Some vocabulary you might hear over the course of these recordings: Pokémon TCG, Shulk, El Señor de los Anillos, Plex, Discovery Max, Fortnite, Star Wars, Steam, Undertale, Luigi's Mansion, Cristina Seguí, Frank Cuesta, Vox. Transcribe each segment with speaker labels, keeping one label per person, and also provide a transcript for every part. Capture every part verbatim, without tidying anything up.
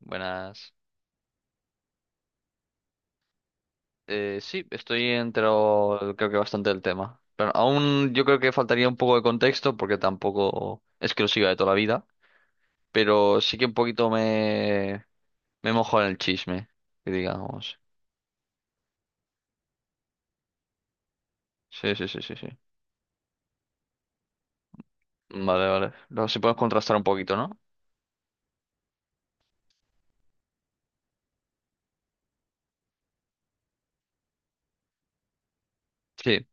Speaker 1: Buenas. Eh, sí, estoy entero, creo que bastante del tema. Pero aún yo creo que faltaría un poco de contexto porque tampoco es que lo siga de toda la vida. Pero sí que un poquito me, me mojo en el chisme, que digamos. Sí, sí, sí, sí, sí. Vale, vale. Luego si podemos contrastar un poquito, ¿no? Sí,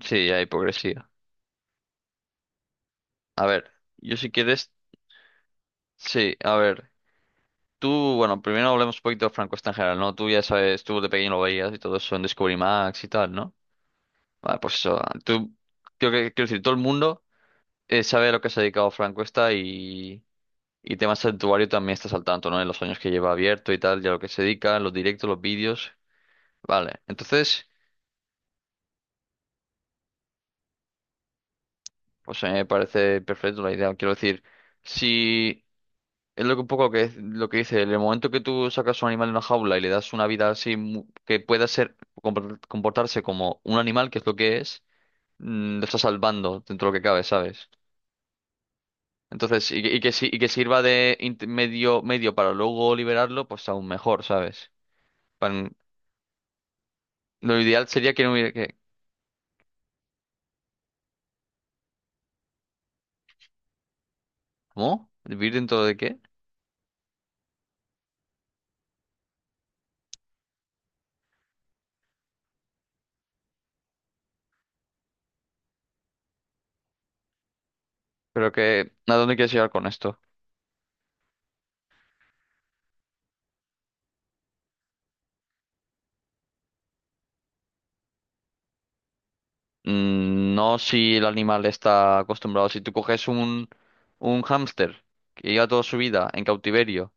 Speaker 1: sí, hay hipocresía. A ver, yo si quieres, sí, a ver. Tú, bueno, primero hablemos un poquito de Franco en general, ¿no? Tú ya sabes, tú de pequeño lo veías y todo eso en Discovery Max y tal, ¿no? Vale, pues eso. Tú, creo que, quiero decir, todo el mundo eh, sabe a lo que se ha dedicado Frank Cuesta y, y tema santuario también estás al tanto, ¿no? En los años que lleva abierto y tal, ya lo que se dedica, los directos, los vídeos. Vale, entonces, pues a mí me parece perfecto la idea. Quiero decir, si es lo que un poco que, lo que dice, en el momento que tú sacas un animal de una jaula y le das una vida así mu- que pueda ser compor- comportarse como un animal, que es lo que es, mm, lo estás salvando dentro de lo que cabe, ¿sabes? Entonces, y, que, y que si- y que sirva de int- medio, medio para luego liberarlo, pues aún mejor, ¿sabes? Pan- lo ideal sería que no hubiera que... ¿Cómo? ¿Vivir dentro de qué? Pero que... ¿A dónde quieres llegar con esto? Mm, no si el animal está acostumbrado. Si tú coges un, un hámster que lleva toda su vida en cautiverio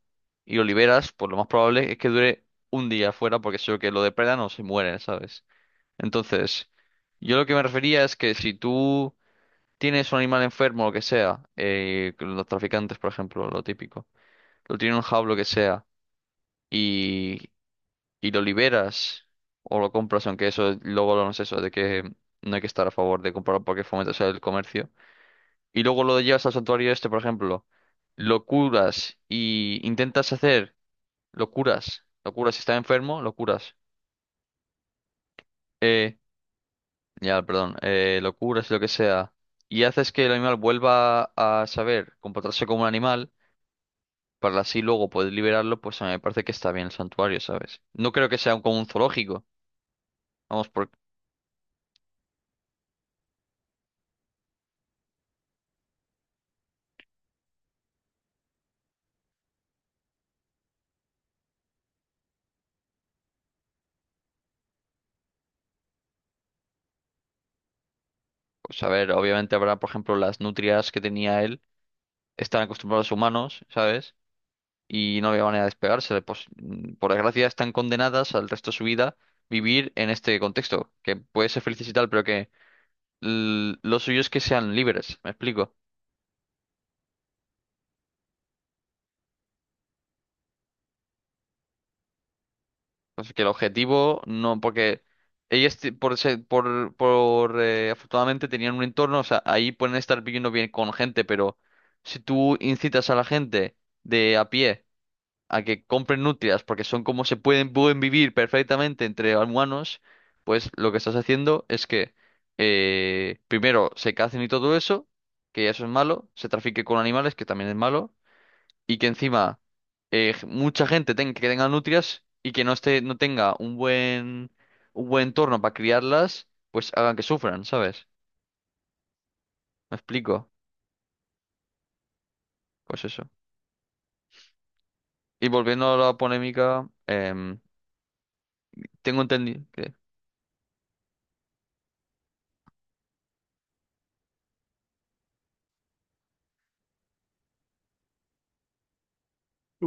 Speaker 1: y lo liberas, pues lo más probable es que dure un día afuera porque seguro que lo depredan o se muere, ¿sabes? Entonces, yo lo que me refería es que si tú tienes un animal enfermo, lo que sea, eh, los traficantes, por ejemplo, lo típico, lo tienen en un jaulo, lo que sea, y, y lo liberas o lo compras, aunque eso luego lo no es eso, de que no hay que estar a favor de comprarlo porque fomentas el comercio, y luego lo llevas al santuario este, por ejemplo, lo curas y intentas hacer, lo curas, lo curas si está enfermo, lo curas, eh, ya, perdón, eh, lo curas, lo que sea. Y haces que el animal vuelva a saber comportarse como un animal, para así luego poder liberarlo, pues a mí me parece que está bien el santuario, ¿sabes? No creo que sea un- como un zoológico. Vamos, por, pues a ver, obviamente habrá, por ejemplo, las nutrias que tenía él, están acostumbrados a humanos, ¿sabes? Y no había manera de despegarse. Pues, mm, por desgracia, están condenadas al resto de su vida vivir en este contexto, que puede ser felices y tal, pero que l- lo suyo es que sean libres, ¿me explico? Así que el objetivo no, porque ellas ti- por, se- por, por eh, afortunadamente tenían un entorno, o sea, ahí pueden estar viviendo bien con gente, pero si tú incitas a la gente de a pie a que compren nutrias porque son como se pueden, pueden vivir perfectamente entre humanos, pues lo que estás haciendo es que eh, primero se cacen y todo eso, que eso es malo, se trafique con animales, que también es malo y que encima eh, g- mucha gente tenga, que tenga nutrias y que no esté, no tenga un buen, un buen, entorno para criarlas, pues hagan que sufran, ¿sabes? ¿Me explico? Pues eso. Y volviendo a la polémica, em, tengo entendido que...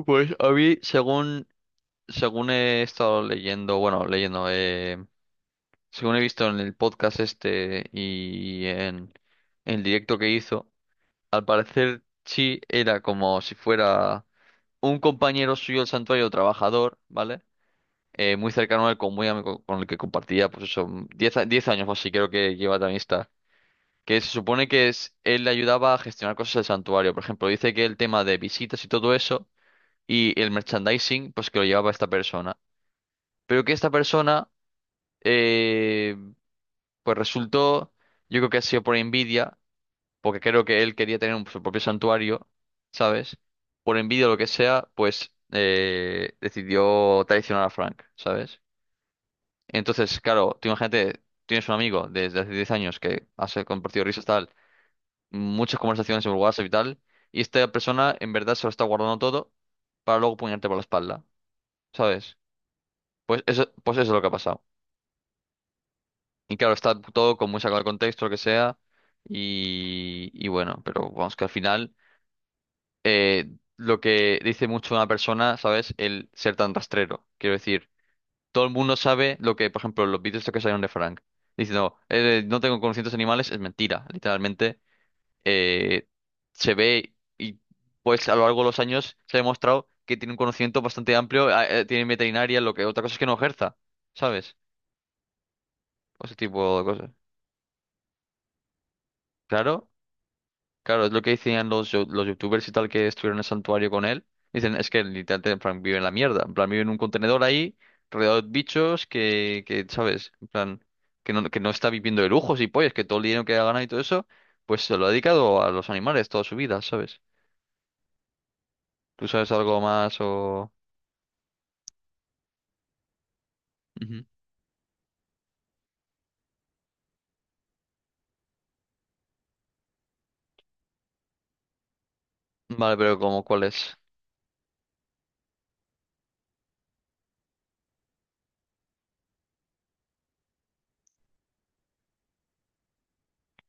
Speaker 1: Pues a mí, según, según he estado leyendo, bueno, leyendo, eh, según he visto en el podcast este y en en el directo que hizo, al parecer sí era como si fuera... un compañero suyo del santuario, trabajador, ¿vale? Eh, muy cercano a él, con, muy amigo, con el que compartía, pues eso, diez a- diez años o así creo que lleva de amistad. Que se supone que es, él le ayudaba a gestionar cosas del santuario. Por ejemplo, dice que el tema de visitas y todo eso, y el merchandising, pues que lo llevaba esta persona. Pero que esta persona, eh, pues resultó, yo creo que ha sido por envidia, porque creo que él quería tener un- su propio santuario, ¿sabes? Por envidia o lo que sea, pues eh, decidió traicionar a Frank, ¿sabes? Entonces, claro, tú imagínate, tienes un amigo desde hace diez años que has eh, compartido risas tal, muchas conversaciones en WhatsApp y tal, y esta persona en verdad se lo está guardando todo para luego puñarte por la espalda, ¿sabes? Pues eso, pues eso es lo que ha pasado. Y claro, está todo con muy sacado de contexto, lo que sea, y, y bueno, pero vamos que al final... eh, lo que dice mucho una persona, ¿sabes? El ser tan rastrero. Quiero decir, todo el mundo sabe lo que, por ejemplo, los vídeos estos que salieron de Frank. Diciendo, eh, no tengo conocimientos animales, es mentira. Literalmente, eh, se ve y pues a lo largo de los años se ha demostrado que tiene un conocimiento bastante amplio, ah, eh, tiene veterinaria, lo que otra cosa es que no ejerza, ¿sabes? O ese tipo de cosas. Claro. Claro, es lo que decían los, yo- los youtubers y tal que estuvieron en el santuario con él. Dicen, es que literalmente en plan, vive en la mierda. En plan, vive en un contenedor ahí, rodeado de bichos que, que ¿sabes? En plan, que no, que no está viviendo de lujos y pollas, que todo el dinero que ha ganado y todo eso, pues se lo ha dedicado a los animales toda su vida, ¿sabes? ¿Tú sabes algo más o...? Ujú. ¿Vale, pero como cuál es?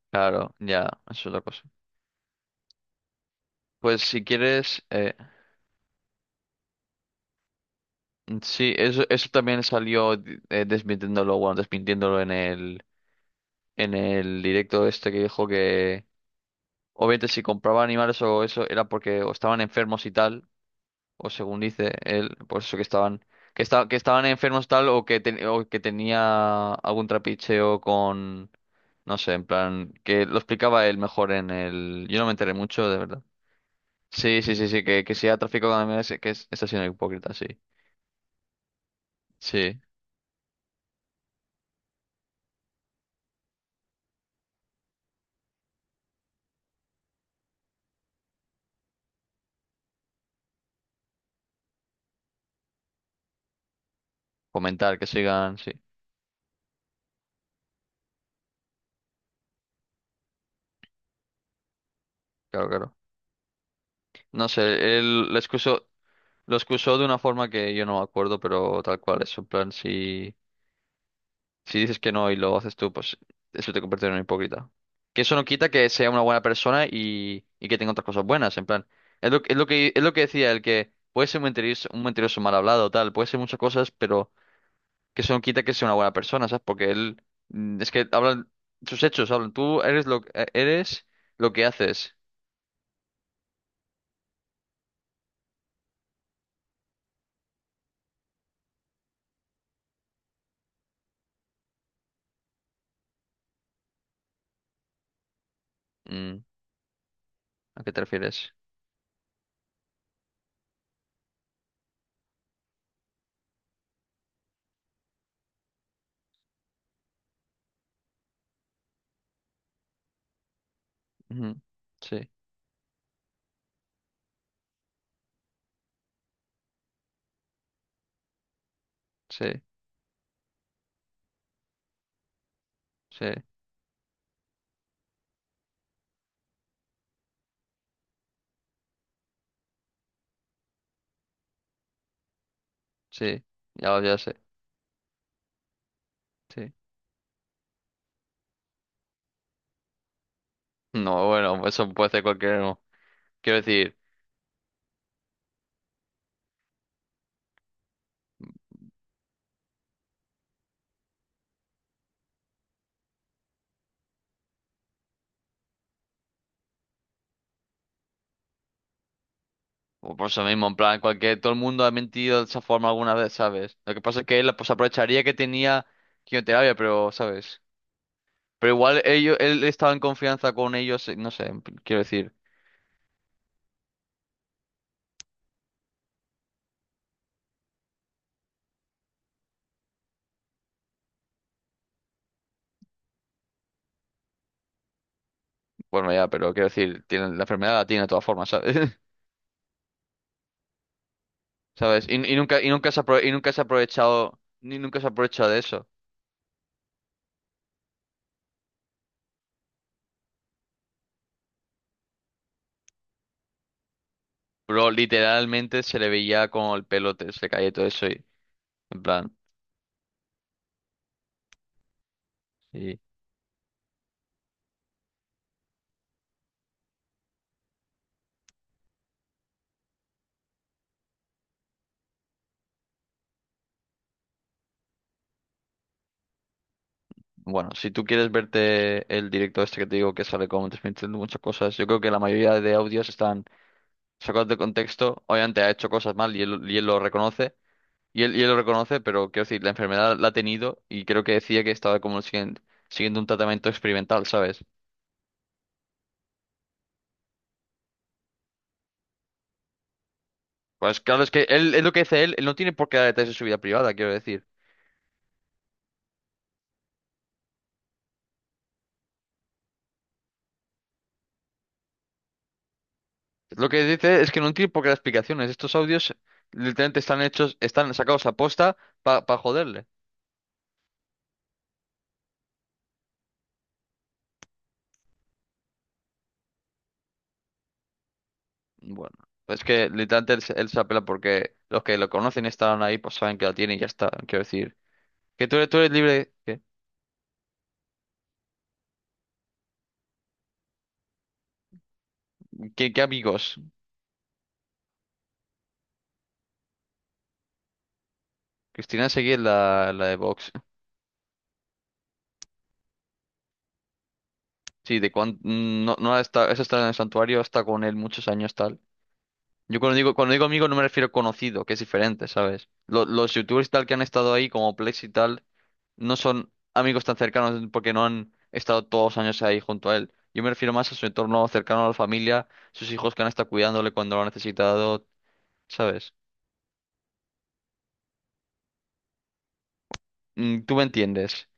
Speaker 1: Claro, ya, eso es la cosa. Pues si quieres, eh, sí, eso, eso también salió eh, desmintiéndolo, bueno, desmintiéndolo en el... en el directo este que dijo que obviamente si compraba animales o eso era porque o estaban enfermos y tal, o según dice él, por eso que estaban que esta- que estaban enfermos tal o que ten- o que tenía algún trapicheo con no sé, en plan que lo explicaba él mejor en el yo no me enteré mucho, de verdad. Sí, sí, sí, sí, que, que sea tráfico con animales, que es, está siendo hipócrita, sí. Sí, fomentar que sigan, sí, claro, claro. No sé, él lo excuso, lo excusó de una forma que yo no me acuerdo, pero tal cual es. En plan, si, si dices que no y lo haces tú, pues eso te convierte en un hipócrita. Que eso no quita que sea una buena persona y, y que tenga otras cosas buenas. En plan, es lo, es lo que, es lo que decía el que puede ser un mentiroso, un mentiroso mal hablado, tal, puede ser muchas cosas, pero que eso no quita que sea una buena persona, ¿sabes? Porque él, mm, es que hablan, sus hechos hablan, tú eres lo, eh, eres lo que haces. Mm, ¿A qué te refieres? Ujú. Sí, sí, sí, sí. Ya, ya sé. Sí. No, bueno, pues eso puede ser cualquier uno. Quiero decir, o por eso mismo, en plan, cualquier, todo el mundo ha mentido de esa forma alguna vez, ¿sabes? Lo que pasa es que él pues, aprovecharía que tenía quimioterapia, pero, ¿sabes? Pero igual ellos, él estaba en confianza con ellos, eh, no sé, en pl- quiero decir, bueno, ya, pero quiero decir, tiene, la enfermedad la tiene de todas formas, ¿sabes? ¿Sabes? Y, y nunca, y nunca se apro- y nunca se ha aprovechado, ni nunca se ha aprovechado de eso. Pero literalmente se le veía con el pelo, te- se le caía y todo eso y, en plan. Bueno, si tú quieres verte el directo este que te digo que sale como transmitiendo muchas cosas, yo creo que la mayoría de audios están sacados de contexto. Obviamente ha hecho cosas mal y él, y él lo reconoce. Y él, y él lo reconoce, pero quiero decir, la enfermedad la ha tenido y creo que decía que estaba como siguiendo, siguiendo un tratamiento experimental, ¿sabes? Pues claro, es que él, es lo que dice él, él, no tiene por qué dar detalles de su vida privada, quiero decir. Lo que dice es que no tiene por qué dar explicaciones. Estos audios literalmente están hechos, están sacados a posta para joderle. Bueno, es que literalmente él, se él se apela porque los que lo conocen y están ahí, pues saben que la tiene y ya está. Quiero decir, que tú eres, tú eres libre. ¿Qué, qué, qué amigos? Cristina Seguí es la, la de Vox. Sí, de cuando no, no está, eso está en el santuario, está con él muchos años tal. Yo cuando digo, cuando digo amigo no me refiero a conocido, que es diferente, ¿sabes? Lo- los youtubers y tal que han estado ahí, como Plex y tal, no son amigos tan cercanos porque no han estado todos los años ahí junto a él. Yo me refiero más a su entorno cercano a la familia, sus hijos que han estado cuidándole cuando lo han necesitado, ¿sabes? Mm, tú me entiendes.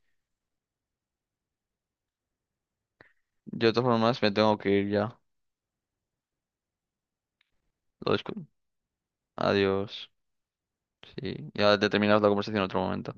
Speaker 1: Yo de todas formas me tengo que ir ya. Lo discu- Adiós. Sí, ya te terminamos la conversación en otro momento.